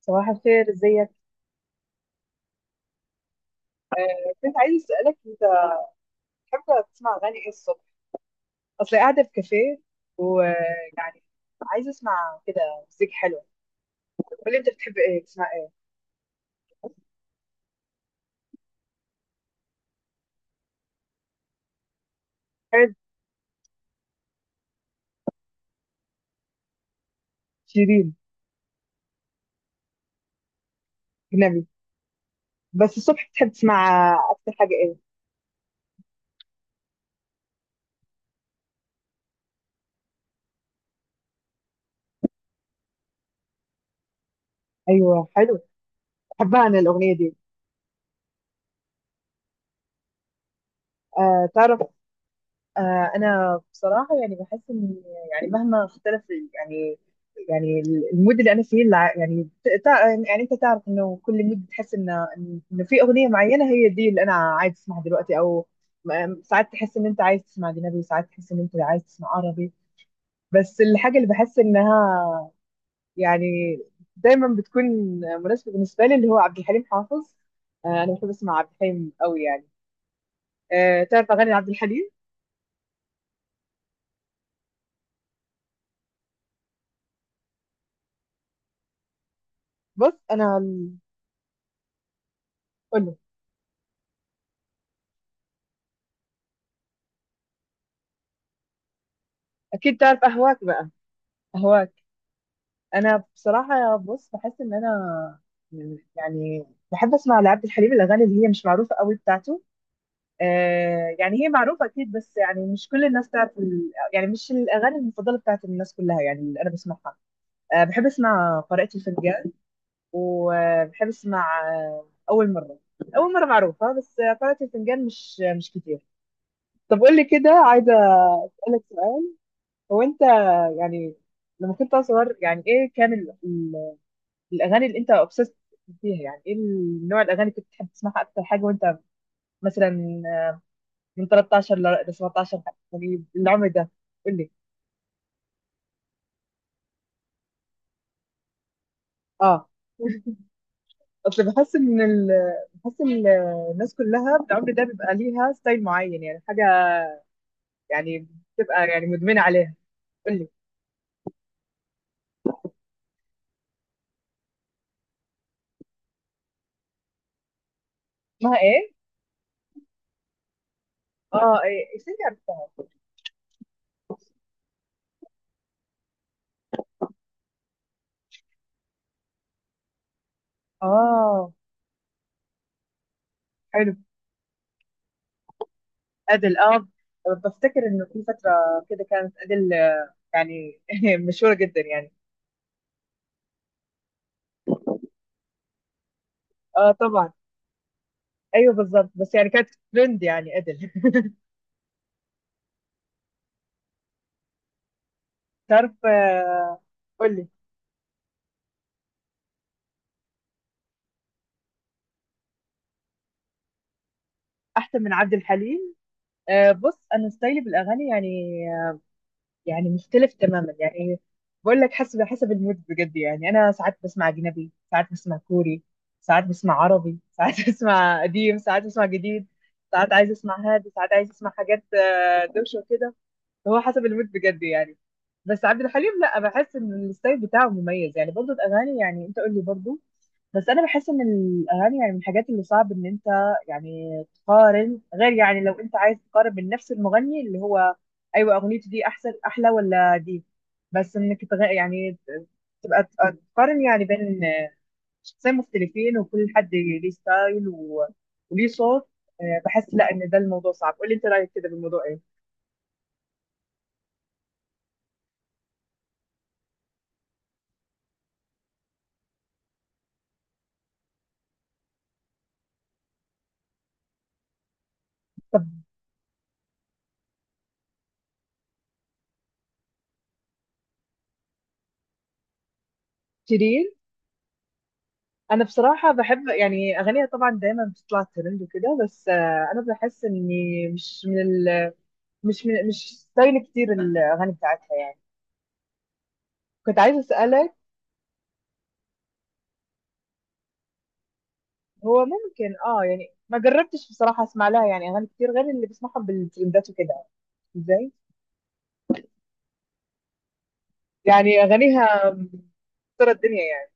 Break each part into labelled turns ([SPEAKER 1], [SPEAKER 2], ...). [SPEAKER 1] صباح الخير، ازيك؟ كنت عايز اسالك، انت بتحب تسمع اغاني ايه الصبح؟ اصل قاعده في كافيه ويعني عايزه اسمع كده مزيكا حلوه. قول لي انت بتحب ايه تسمع ايه؟ بحب. شيرين. اجنبي. بس الصبح بتحب تسمع اكتر حاجه ايه؟ ايوه، حلو. بحبها انا الاغنيه دي. آه تعرف، انا بصراحه يعني بحس ان يعني مهما اختلف يعني المود اللي انا فيه انت تعرف انه كل مود بتحس ان إنه في اغنيه معينه هي دي اللي انا عايز اسمعها دلوقتي. او ساعات تحس ان انت عايز تسمع اجنبي، ساعات تحس ان انت عايز تسمع عربي. بس الحاجه اللي بحس انها يعني دايما بتكون مناسبه بالنسبه لي اللي هو عبد الحليم حافظ. انا بحب اسمع عبد الحليم قوي يعني. تعرف اغاني عبد الحليم؟ بص انا، قول. اكيد تعرف اهواك بقى. اهواك. انا بصراحه بص بحس ان انا يعني بحب اسمع لعبد الحليم الاغاني اللي هي مش معروفه قوي بتاعته. آه يعني هي معروفه اكيد بس يعني مش كل الناس تعرف يعني مش الاغاني المفضله بتاعت الناس كلها يعني اللي انا بسمعها. آه بحب اسمع قارئة الفنجان، وبحب اسمع آه اول مره. اول مره معروفه بس قارئة الفنجان مش كتير. طب قول لي كده، عايزه اسالك سؤال. هو انت يعني لما كنت صغير، يعني ايه كان الاغاني اللي انت اوبسيست بيها، يعني ايه النوع الاغاني اللي كنت بتحب تسمعها اكتر حاجه وانت مثلا من 13 ل 17، يعني العمر ده؟ قول لي. اه اصل بحس ان بحس ان الناس كلها بالعمر ده بيبقى ليها ستايل معين، يعني حاجه يعني بتبقى يعني مدمنه عليها. قول لي. اسمها ايه؟ اه ايه، استني عرفتها. اه حلو. ادل، اه. بفتكر انه في فتره كده كانت ادل يعني مشهوره جدا يعني. اه طبعا. ايوه بالظبط، بس يعني كانت ترند يعني ادل تعرف، قول لي. احسن من عبد الحليم؟ بص انا ستايلي بالاغاني يعني يعني مختلف تماما يعني. بقول لك حسب المود بجد يعني. انا ساعات بسمع اجنبي، ساعات بسمع كوري، ساعات بسمع عربي، ساعات بسمع قديم، ساعات بسمع جديد، ساعات عايز اسمع هادي، ساعات عايز اسمع حاجات دوشه وكده. هو حسب المود بجد يعني. بس عبد الحليم لا، بحس ان الستايل بتاعه مميز يعني برضه الاغاني يعني. انت قول لي برضه. بس انا بحس ان الاغاني يعني من الحاجات اللي صعب ان انت يعني تقارن، غير يعني لو انت عايز تقارن بين نفس المغني اللي هو ايوه اغنيته دي احسن احلى ولا دي. بس انك تغ... يعني تبقى تقارن يعني بين شخصين مختلفين وكل حد ليه ستايل و... وليه صوت. بحس لا ان ده الموضوع صعب. قولي انت رايك كده بالموضوع ايه؟ طب شيرين، انا بصراحه بحب يعني اغانيها، طبعا دايما بتطلع ترند وكده، بس انا بحس اني مش من ال... مش من- مش ستايل كتير الاغاني بتاعتها يعني. كنت عايزه اسالك، هو ممكن اه يعني ما جربتش بصراحه اسمع لها يعني اغاني كتير غير اللي بسمعهم بالترندات وكده. ازاي؟ يعني اغانيها مكسره الدنيا يعني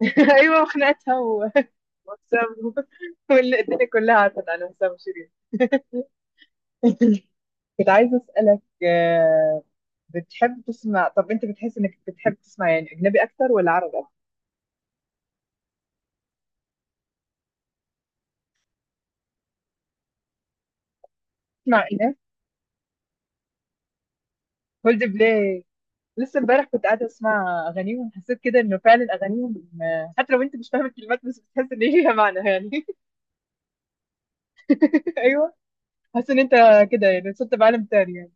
[SPEAKER 1] ايوه وخناقتها وحسام الدنيا كلها عارفه عن حسام وشيرين كنت عايزه اسالك بتحب تسمع، طب انت بتحس انك بتحب تسمع يعني اجنبي اكتر ولا عربي اكتر؟ تسمع ايه؟ هولد بلاي، لسه امبارح كنت قاعده اسمع اغانيهم، حسيت كده انه فعلا اغانيهم حتى لو انت مش فاهم الكلمات، بس بتحس ان ليها معنى يعني ايوه حاسس ان انت كده يعني صرت بعالم تاني يعني.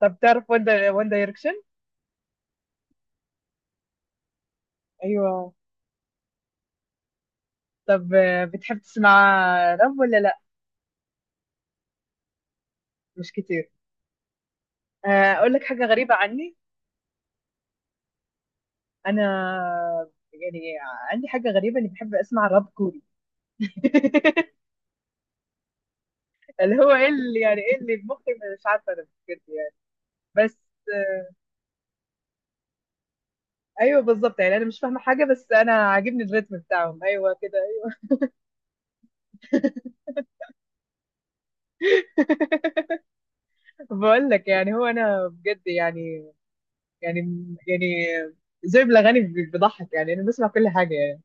[SPEAKER 1] طب تعرف وان، وان دايركشن؟ ايوه. طب بتحب تسمع راب ولا لا؟ مش كتير. اقول لك حاجه غريبه عني، انا يعني عندي حاجه غريبه، اني بحب اسمع راب كوري اللي هو ايه اللي يعني، ايه اللي مخي. مش عارفه انا بجد يعني. بس ايوه بالظبط، يعني انا مش فاهمه حاجه بس انا عاجبني الريتم بتاعهم. ايوه كده، ايوه. بقول لك يعني، هو انا بجد يعني يعني يعني زي الاغاني بضحك. يعني انا بسمع كل حاجه يعني.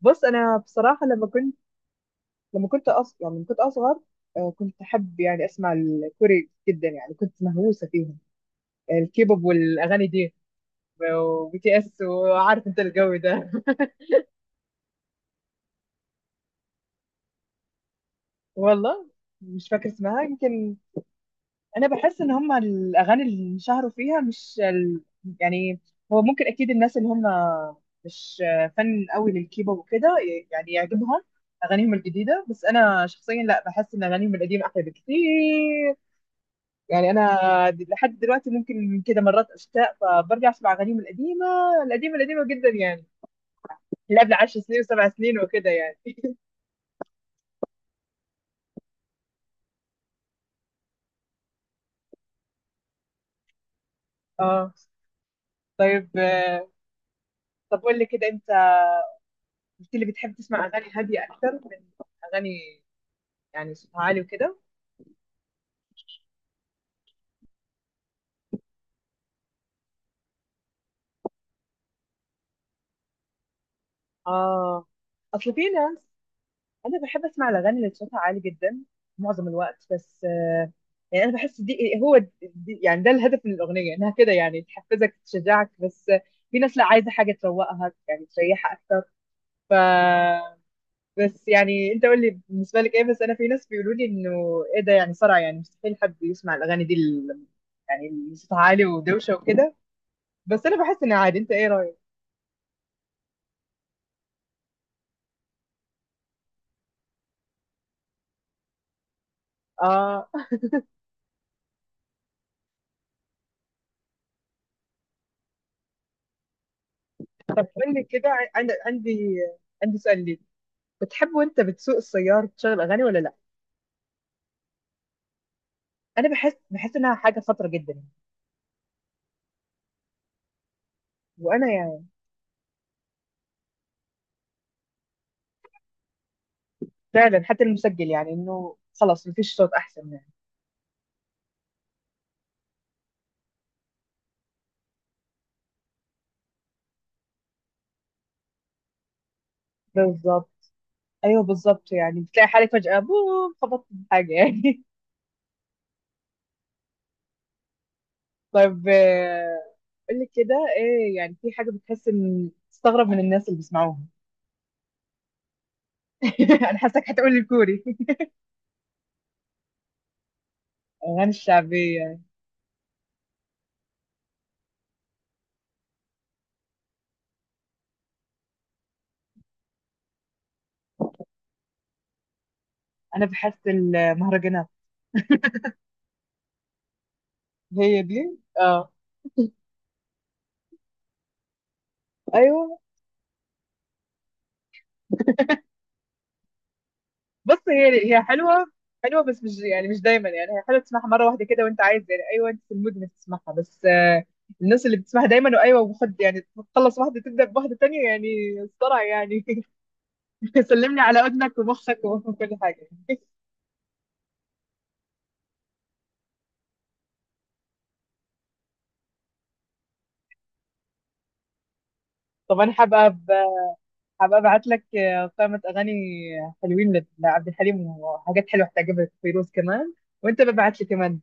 [SPEAKER 1] بص انا بصراحه، يعني لما كنت اصغر، كنت احب يعني اسمع الكوري جدا يعني، كنت مهووسه فيهم، الكيبوب والاغاني دي، وبي تي اس، وعارف انت الجو ده والله مش فاكر اسمها، يمكن. انا بحس ان هم الاغاني اللي انشهروا فيها مش يعني هو ممكن اكيد الناس اللي هم مش فن قوي للكيبوب وكده يعني يعجبهم اغانيهم الجديده، بس انا شخصيا لا، بحس ان اغانيهم القديمه احلى بكتير يعني. انا لحد دلوقتي ممكن كده مرات اشتاق فبرجع اسمع اغانيهم القديمه القديمه القديمه جدا يعني، اللي قبل 10 سنين وسبع سنين وكده يعني اه طيب. طب قول لي كده انت، قلت لي بتحب تسمع اغاني هاديه اكتر من اغاني يعني صوتها عالي وكده. اه اصل في ناس، انا بحب اسمع الاغاني اللي صوتها عالي جدا معظم الوقت، بس يعني انا بحس دي هو دي يعني ده الهدف من الاغنيه انها كده يعني تحفزك تشجعك، بس في ناس لا عايزه حاجه تروقها يعني تريحها اكتر. ف بس يعني انت قول لي بالنسبه لك ايه. بس انا في ناس بيقولوا لي انه ايه ده يعني صرع، يعني مستحيل حد يسمع الاغاني دي يعني اللي صوتها عالي ودوشه وكده. بس انا بحس انها عادي. انت ايه رايك؟ اه. طب قول لي كده، انا عندي سؤال ليك. بتحب وانت بتسوق السيارة تشغل اغاني ولا لا؟ انا بحس انها حاجة خطرة جدا يعني. وانا يعني فعلا حتى المسجل، يعني انه خلاص مفيش صوت احسن يعني. بالظبط. ايوه بالظبط، يعني بتلاقي حالك فجأة بوم خبطت في حاجة يعني. طب قول لي كده، ايه يعني في حاجة بتحس ان تستغرب من الناس اللي بيسمعوها؟ انا حاسك هتقول الكوري. الاغاني الشعبية. انا بحس المهرجانات هي دي، اه. ايوه بص، هي هي حلوه، حلوه بس مش يعني مش دايما. يعني هي حلوه تسمعها مره واحده كده وانت عايز، يعني ايوه انت في المود انك تسمعها، بس الناس اللي بتسمعها دايما وايوه وخد يعني، تخلص واحده تبدا بواحده تانية يعني، صرع يعني. سلمني على اذنك ومخك وكل حاجه طب انا هبقى هبقى ابعت لك قائمه اغاني حلوين لعبد الحليم وحاجات حلوه هتعجبك، فيروز كمان. وانت ببعت لي كمان.